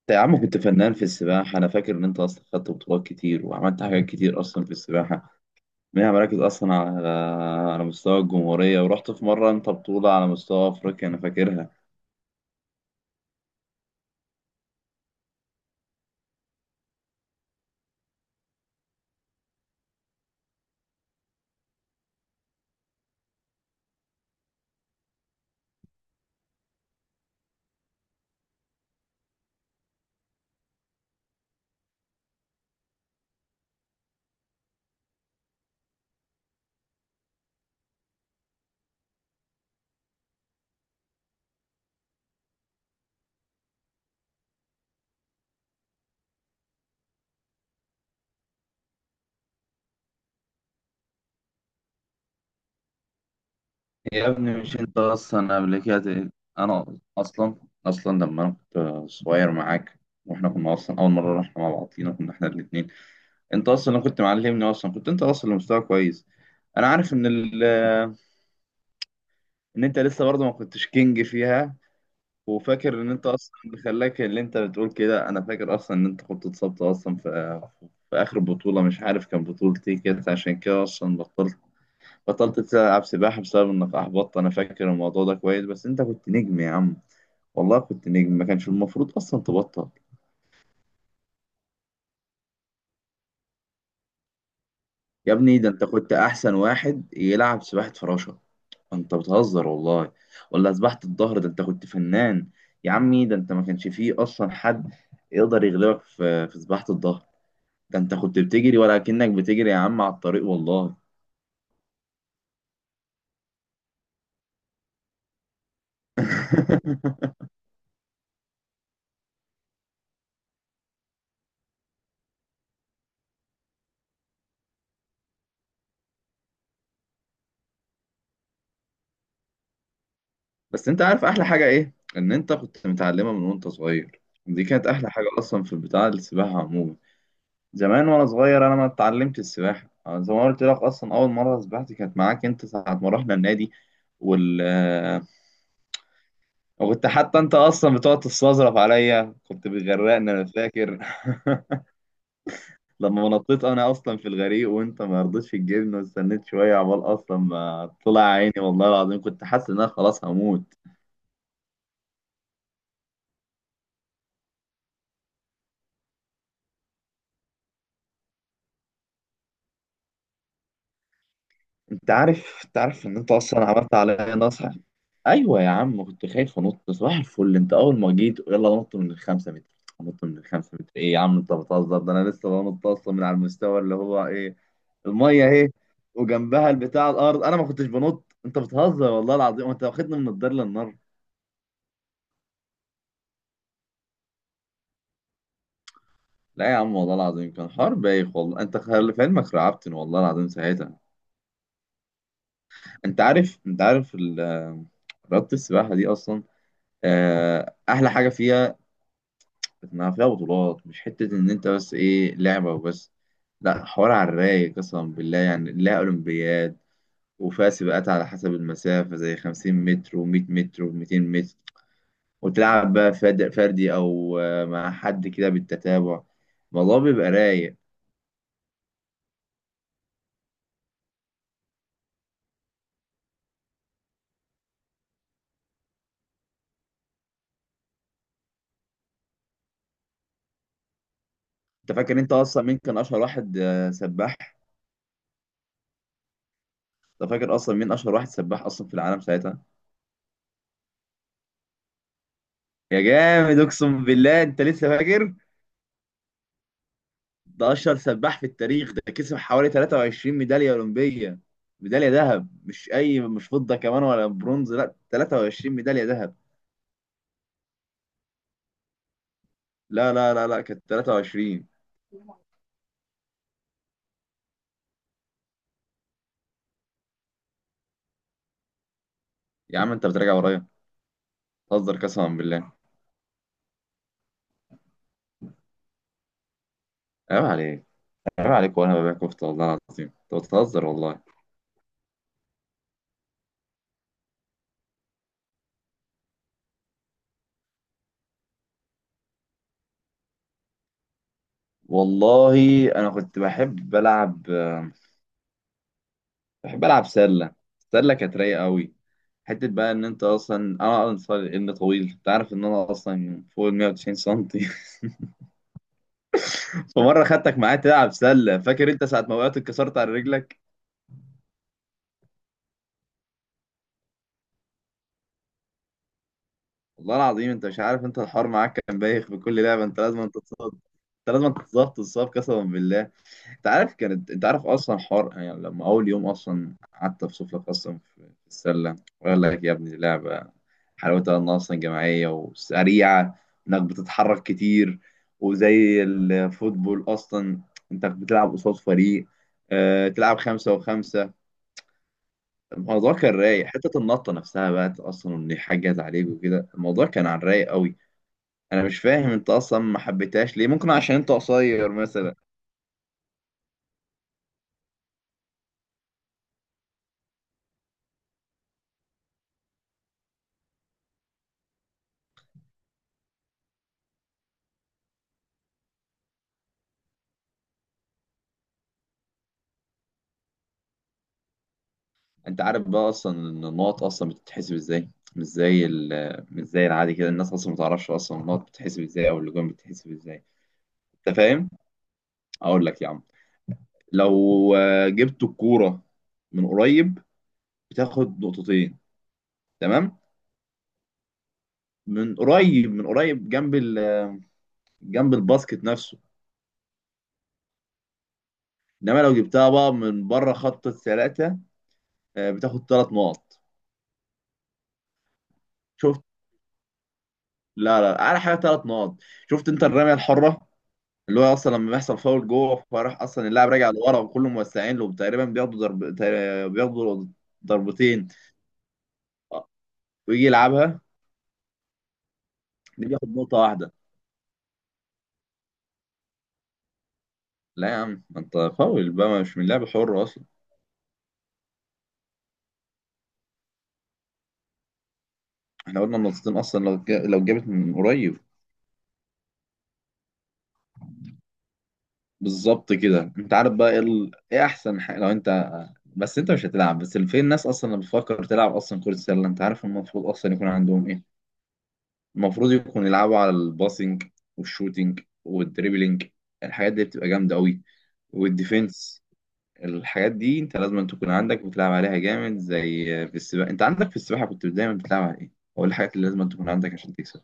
انت يا عم كنت فنان في السباحة. أنا فاكر إن أنت أصلا خدت بطولات كتير وعملت حاجات كتير أصلا في السباحة، منها مراكز أصلا على مستوى الجمهورية، ورحت في مرة أنت بطولة على مستوى أفريقيا أنا فاكرها. يا ابني مش أنت أصلا قبل كده أنا أصلا لما أنا كنت صغير معاك، وإحنا كنا أصلا أول مرة رحنا مع بعضينا كنا إحنا الاتنين، أنت أصلا اللي كنت معلمني، أصلا كنت أنت أصلا مستوى كويس. أنا عارف إن إن أنت لسه برضه ما كنتش كينج فيها. وفاكر ان انت اصلا اللي خلاك اللي انت بتقول كده، انا فاكر اصلا ان انت كنت اتصبت اصلا في اخر بطوله، مش عارف كان بطوله ايه كده، عشان كده اصلا بطلت تلعب سباحه بسبب انك احبطت. انا فاكر الموضوع ده كويس، بس انت كنت نجم يا عم. والله كنت نجم، ما كانش المفروض اصلا تبطل. يا ابني ده انت كنت احسن واحد يلعب سباحه فراشه. انت بتهزر والله. ولا سباحه الظهر، ده انت كنت فنان. يا عمي ده انت ما كانش فيه اصلا حد يقدر يغلبك في سباحه الظهر. ده انت كنت بتجري ولا كأنك بتجري يا عم على الطريق والله. بس انت عارف احلى حاجة ايه؟ ان انت كنت متعلمة من وانت صغير، دي كانت احلى حاجة اصلا في بتاع السباحة عموما. زمان وانا صغير انا ما اتعلمت السباحة، أنا زي ما قلت لك اصلا اول مرة سبحت كانت معاك انت ساعة ما رحنا النادي. وال آه، وكنت حتى انت اصلا بتقعد تستظرف عليا، كنت بتغرقني انا فاكر. لما ما نطيت انا اصلا في الغريق وانت ما رضيتش تجيبني، واستنيت شويه عبال اصلا ما طلع عيني، والله العظيم كنت حاسس ان انا خلاص هموت. انت عارف ان انت اصلا عملت عليا نصح. ايوه يا عم كنت خايف انط، صباح الفل انت اول ما جيت يلا نط من الخمسة متر. نط من الخمسة متر؟ ايه يا عم انت بتهزر، ده انا لسه بنط اصلا من على المستوى اللي هو ايه الميه اهي، وجنبها البتاع الارض، انا ما كنتش بنط. انت بتهزر والله العظيم، وانت واخدني من الدار للنار. لا يا عم والله العظيم كان حوار بايخ والله، انت خلي في علمك رعبتني والله العظيم ساعتها. انت عارف رياضة السباحة دي اصلا، احلى حاجة فيها انها فيها بطولات، مش حتة ان انت بس ايه لعبة وبس، لا حوار على الرايق قسما بالله. يعني لها اولمبياد، وفيها سباقات على حسب المسافة زي 50 متر و100 متر و200 متر. وتلعب بقى فردي او مع حد كده بالتتابع. الموضوع بيبقى رايق. انت فاكر انت اصلا مين كان اشهر واحد سباح؟ انت فاكر اصلا مين اشهر واحد سباح اصلا في العالم ساعتها؟ يا جامد اقسم بالله انت لسه فاكر. ده اشهر سباح في التاريخ، ده كسب حوالي 23 ميداليه اولمبيه. ميداليه ذهب، مش اي، مش فضه كمان ولا برونز، لا، 23 ميداليه ذهب. لا لا لا لا، كانت 23. يا عم انت بتراجع ورايا، بتهزر قسما بالله. عيب عليك، عيب عليك وانا ببيع كفته والله العظيم، انت بتهزر والله. والله انا كنت بحب العب سله. السله كانت رايقه قوي. حته بقى ان انت اصلا انا اصلا ان طويل، انت عارف ان انا اصلا فوق ال 190 سنتي. فمره خدتك معايا تلعب سله، فاكر انت ساعه ما وقعت اتكسرت على رجلك. والله العظيم انت مش عارف، انت الحوار معاك كان بايخ، في كل لعبه انت لازم تصاب، انت لازم تصاب قسما بالله. انت عارف اصلا حوار، يعني لما اول يوم اصلا قعدت افصل لك اصلا في السله، وقال لك يا ابني دي لعبه حلاوتها انها اصلا جماعيه وسريعه، انك بتتحرك كتير، وزي الفوتبول اصلا انت بتلعب قصاد فريق، اه تلعب خمسة وخمسة. الموضوع كان رايق، حتة النطة نفسها بقى أصلا إن حاجة جت عليك وكده الموضوع كان على الرايق قوي. أنا مش فاهم أنت أصلا ما حبيتهاش ليه، ممكن عشان أنت قصير مثلا. انت عارف بقى اصلا ان النقط اصلا بتتحسب ازاي؟ مش زي العادي كده، الناس اصلا ما تعرفش اصلا النقط بتتحسب ازاي او اللجوم بتتحسب ازاي. انت فاهم، اقول لك يا عم، لو جبت الكوره من قريب بتاخد نقطتين. تمام؟ من قريب، جنب جنب الباسكت نفسه. انما لو جبتها بقى من بره خط الثلاثه، بتاخد ثلاث نقط. شفت؟ لا لا، على حاجه ثلاث نقط. شفت انت الرميه الحره؟ اللي هو اصلا لما بيحصل فاول جوه فراح اصلا اللاعب راجع لورا وكله موسعين له، تقريبا بياخدوا ضرب، تقريباً بياخدوا ضربتين، ويجي يلعبها. دي بياخد نقطة واحدة. لا يا عم ما انت فاول بقى، مش من لعب حر اصلا. احنا قلنا النقطتين اصلا لو لو جابت من قريب. بالظبط كده، انت عارف بقى ايه ايه احسن حاجة لو انت. بس انت مش هتلعب بس، فين الناس اصلا اللي بتفكر تلعب اصلا كرة سلة، انت عارف المفروض اصلا يكون عندهم ايه؟ المفروض يكونوا يلعبوا على الباسنج والشوتينج والدريبلينج، الحاجات دي بتبقى جامدة قوي. والديفنس، الحاجات دي انت لازم أن تكون عندك بتلعب عليها جامد. زي في السباحة، انت عندك في السباحة كنت دايما بتلعب على ايه؟ هو إيه الحاجات اللي لازم أن تكون عندك عشان تكسب؟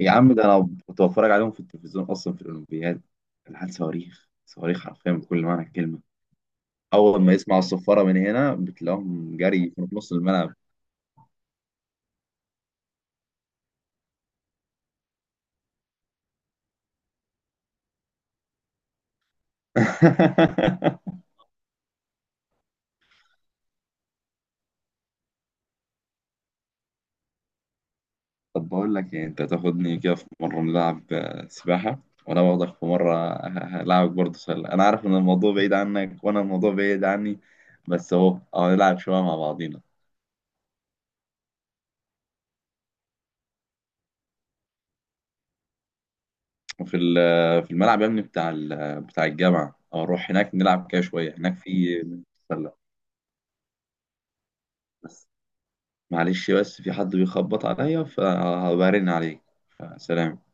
يا عم ده انا كنت بتفرج عليهم في التلفزيون اصلا في الاولمبياد، العيال صواريخ، صواريخ حرفيا بكل معنى الكلمة. اول ما يسمعوا الصفارة من هنا بتلاقيهم جري في نص الملعب. طب بقول لك إيه، أنت تاخدني كده في مرة نلعب سباحة، وأنا باخدك في مرة هلعبك برضه سلة. أنا عارف إن الموضوع بعيد عنك وأنا الموضوع بعيد عني، بس أهو أهو نلعب شوية مع بعضينا. وفي في الملعب يا ابني بتاع بتاع الجامعة، أو نروح هناك نلعب كده شوية هناك في سلة. بس معلش، بس في حد بيخبط عليا فهبرن عليك، فسلام.